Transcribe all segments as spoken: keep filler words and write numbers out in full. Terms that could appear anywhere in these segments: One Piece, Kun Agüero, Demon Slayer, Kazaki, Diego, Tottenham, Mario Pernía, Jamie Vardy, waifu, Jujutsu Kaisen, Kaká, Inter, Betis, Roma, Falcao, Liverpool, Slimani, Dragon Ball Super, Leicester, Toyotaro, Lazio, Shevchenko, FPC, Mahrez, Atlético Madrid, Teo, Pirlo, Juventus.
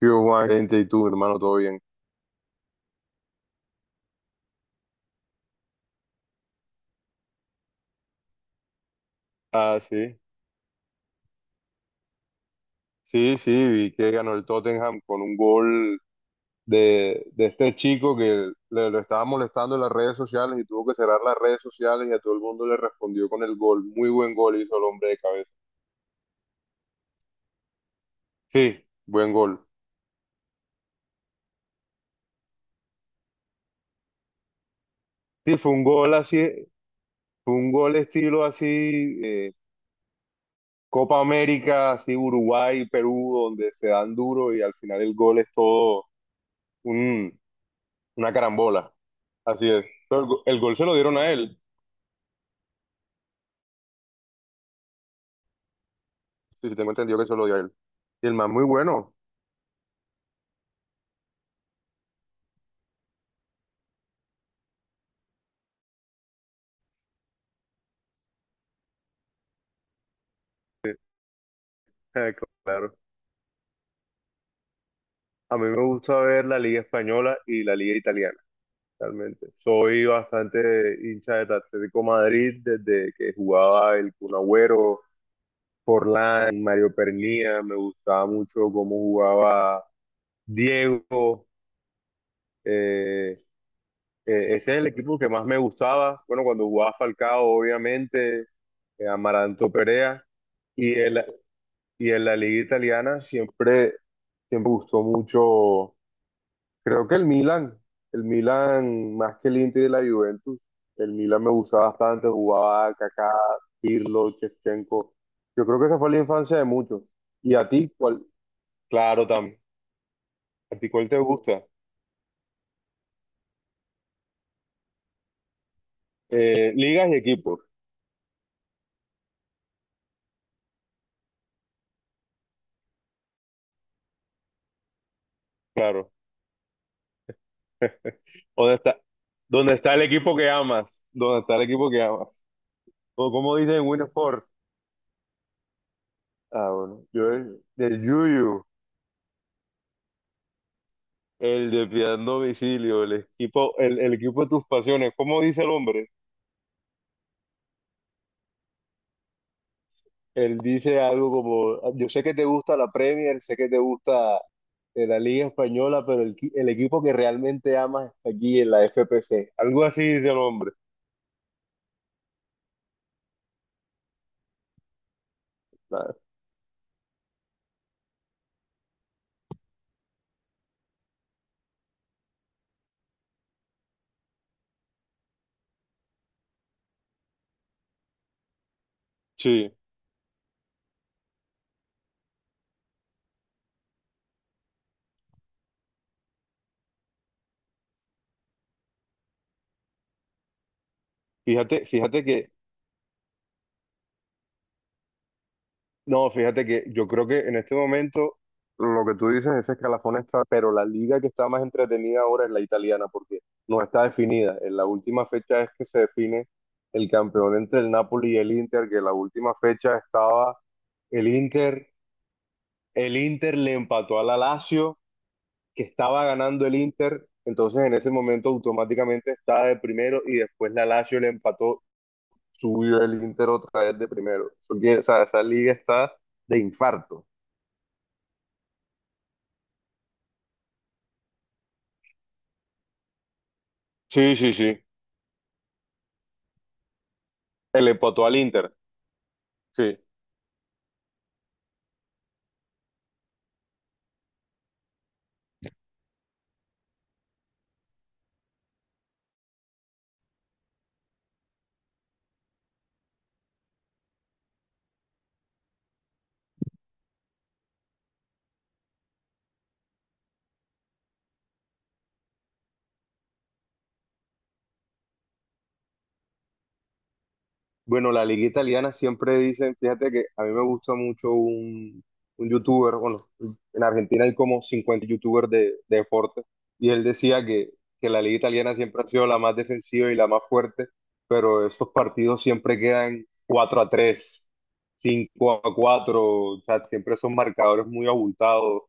¿Qué hubo, Valencia? ¿Y tú, hermano? ¿Todo bien? Ah, sí. Sí, sí, vi que ganó el Tottenham con un gol de, de este chico que le, lo estaba molestando en las redes sociales y tuvo que cerrar las redes sociales y a todo el mundo le respondió con el gol. Muy buen gol hizo el hombre de cabeza. Sí, buen gol. Sí, fue un gol así, fue un gol estilo así, eh, Copa América, así Uruguay, Perú, donde se dan duro y al final el gol es todo un- una carambola. Así es. Pero el go- el gol se lo dieron a él. Sí, sí, tengo entendido que se lo dio a él. Y el más muy bueno. Eh, Claro. A mí me gusta ver la Liga Española y la Liga Italiana, realmente. Soy bastante hincha del Atlético Madrid desde que jugaba el Kun Agüero, Forlán, Mario Pernía. Me gustaba mucho cómo jugaba Diego. Eh, eh, ese es el equipo que más me gustaba. Bueno, cuando jugaba Falcao, obviamente, eh, Amaranto Perea. Y el, Y en la liga italiana siempre, siempre gustó mucho, creo que el Milan, el Milan más que el Inter y la Juventus, el Milan me gustaba bastante, jugaba Kaká, Pirlo, Shevchenko. Yo creo que esa fue la infancia de muchos. ¿Y a ti cuál? Claro, también. ¿A ti cuál te gusta? Eh, ligas y equipos, claro. ¿Dónde está, ¿dónde está el equipo que amas? ¿Dónde está el equipo que amas? ¿O como dicen en Win? Ah, bueno, yo del Yuyu. El de Piedad Domicilio, el equipo, el, el equipo de tus pasiones. ¿Cómo dice el hombre? Él dice algo como, yo sé que te gusta la Premier, sé que te gusta eh, la Liga Española, pero el, qui- el equipo que realmente amas está aquí en la F P C. Algo así dice el hombre. Ah, sí, fíjate, fíjate que no, fíjate que yo creo que en este momento lo que tú dices, ese escalafón está, pero la liga que está más entretenida ahora es la italiana porque no está definida. En la última fecha es que se define el campeón entre el Napoli y el Inter, que en la última fecha estaba el Inter, el Inter le empató a la Lazio, que estaba ganando el Inter, entonces en ese momento automáticamente estaba de primero y después la Lazio le empató, subió el Inter otra vez de primero. Eso quiere- o sea, esa liga está de infarto. Sí, sí, sí. El empató al Inter. Sí. Bueno, la liga italiana siempre dicen, fíjate que a mí me gusta mucho un, un youtuber, bueno, en Argentina hay como cincuenta youtubers de, de deporte, y él decía que, que la liga italiana siempre ha sido la más defensiva y la más fuerte, pero esos partidos siempre quedan cuatro a tres, cinco a cuatro, o sea, siempre son marcadores muy abultados.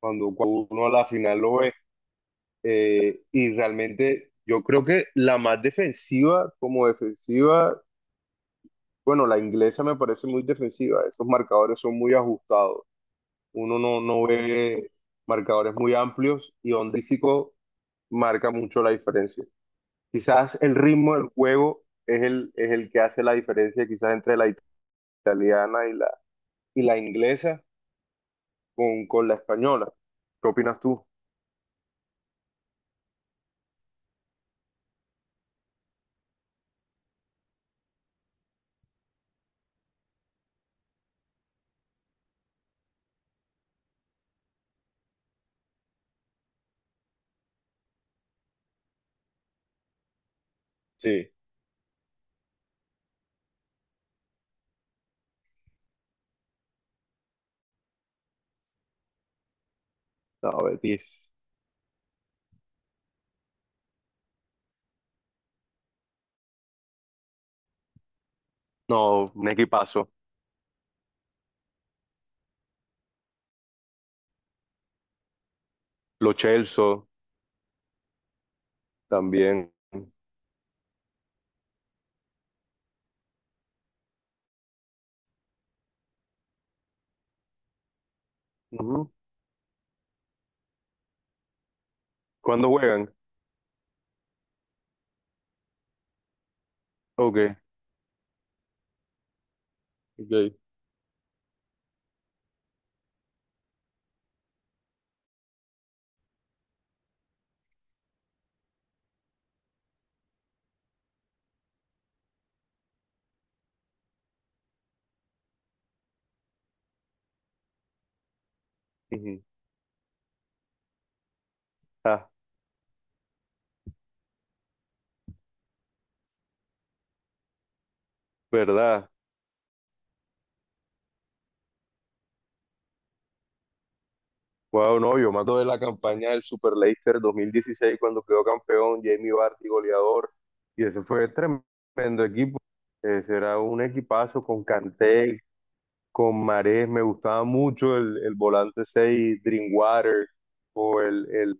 Cuando, cuando uno a la final lo ve, eh, y realmente yo creo que la más defensiva como defensiva, bueno, la inglesa me parece muy defensiva, esos marcadores son muy ajustados, uno no, no ve marcadores muy amplios y Ondícico marca mucho la diferencia. Quizás el ritmo del juego es el, es el que hace la diferencia quizás entre la italiana y la, y la inglesa con, con la española. ¿Qué opinas tú? Sí, no, Betis. No, un equipazo. Lo Chelsea. También. Ujú. ¿Cuándo juegan? Ok, ok. Ujú. Ah, verdad. Wow, no, yo me acuerdo de la campaña del Super Leicester dos mil dieciséis cuando quedó campeón Jamie Vardy, goleador. Y ese fue tremendo equipo. Ese era un equipazo con Kanté, con Mahrez. Me gustaba mucho el, el volante seis Drinkwater, o el, el,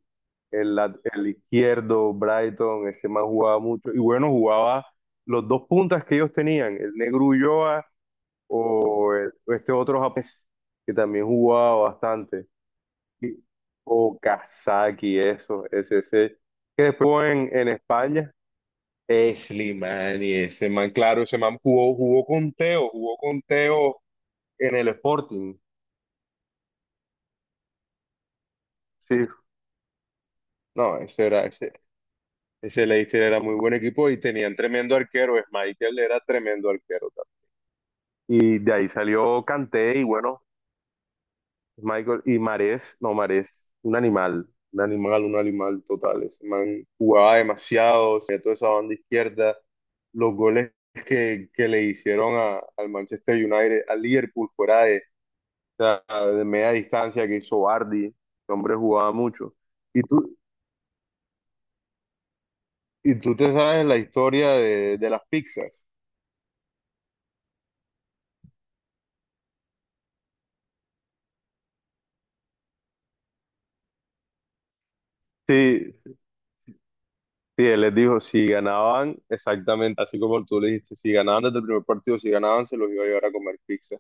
el, lat- el izquierdo, Brighton. Ese más jugaba mucho. Y bueno, jugaba los dos puntas que ellos tenían, el Negro Ulloa o eh, este otro japonés que también jugaba bastante, y- o Kazaki, eso, ese, ese, que después jugó en, en España, es Slimani, ese man, claro, ese man jugó, jugó con Teo, jugó con Teo en el Sporting, sí, no, ese era, ese, ese Leicester era muy buen equipo y tenían tremendo arquero, Michael era tremendo arquero también. Y de ahí salió Kanté y bueno, Michael y Marés, no, Marés, un animal, un animal, un animal total. Ese man jugaba demasiado, se toda esa banda izquierda. Los goles que, que le hicieron a- al Manchester United, al Liverpool, fuera de, o sea, de media distancia que hizo Vardy, el hombre jugaba mucho. Y tú, y tú te sabes la historia de, de las pizzas. Sí, sí, él les dijo, si ganaban, exactamente así como tú le dijiste, si ganaban desde el primer partido, si ganaban, se los iba a llevar a comer pizza.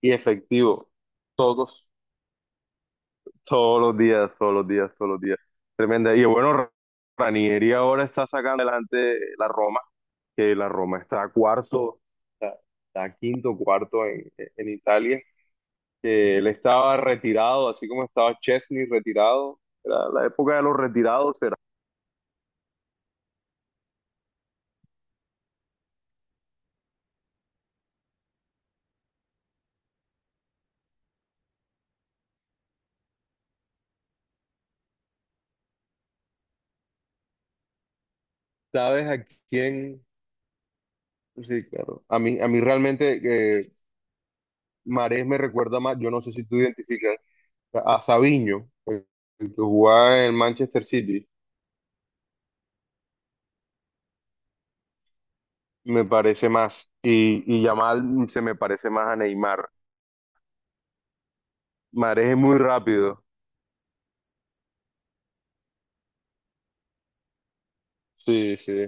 Y efectivo. Todos, todos los días, todos los días, todos los días. Tremenda. Y bueno, Ranieri ahora está sacando adelante la Roma, que la Roma está cuarto, está, está quinto, cuarto en, en Italia, que él estaba retirado, así como estaba Chesney retirado. Era la época de los retirados, era. ¿Sabes a quién? Sí, claro. A mí, a mí realmente eh, Marés me recuerda más, yo no sé si tú identificas, a Sabiño, el, el que jugaba en Manchester City. Me parece más. Y, y Yamal mm, se me parece más a Neymar. Mareje muy rápido. Sí, sí.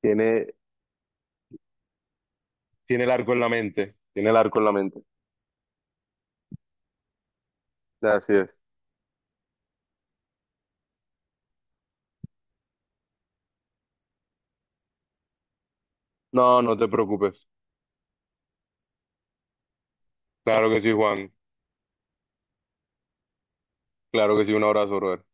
Tiene, tiene el arco en la mente. Tiene el arco en la mente. Así es. No, no te preocupes. Claro que sí, Juan. Claro que sí. Un abrazo, brother.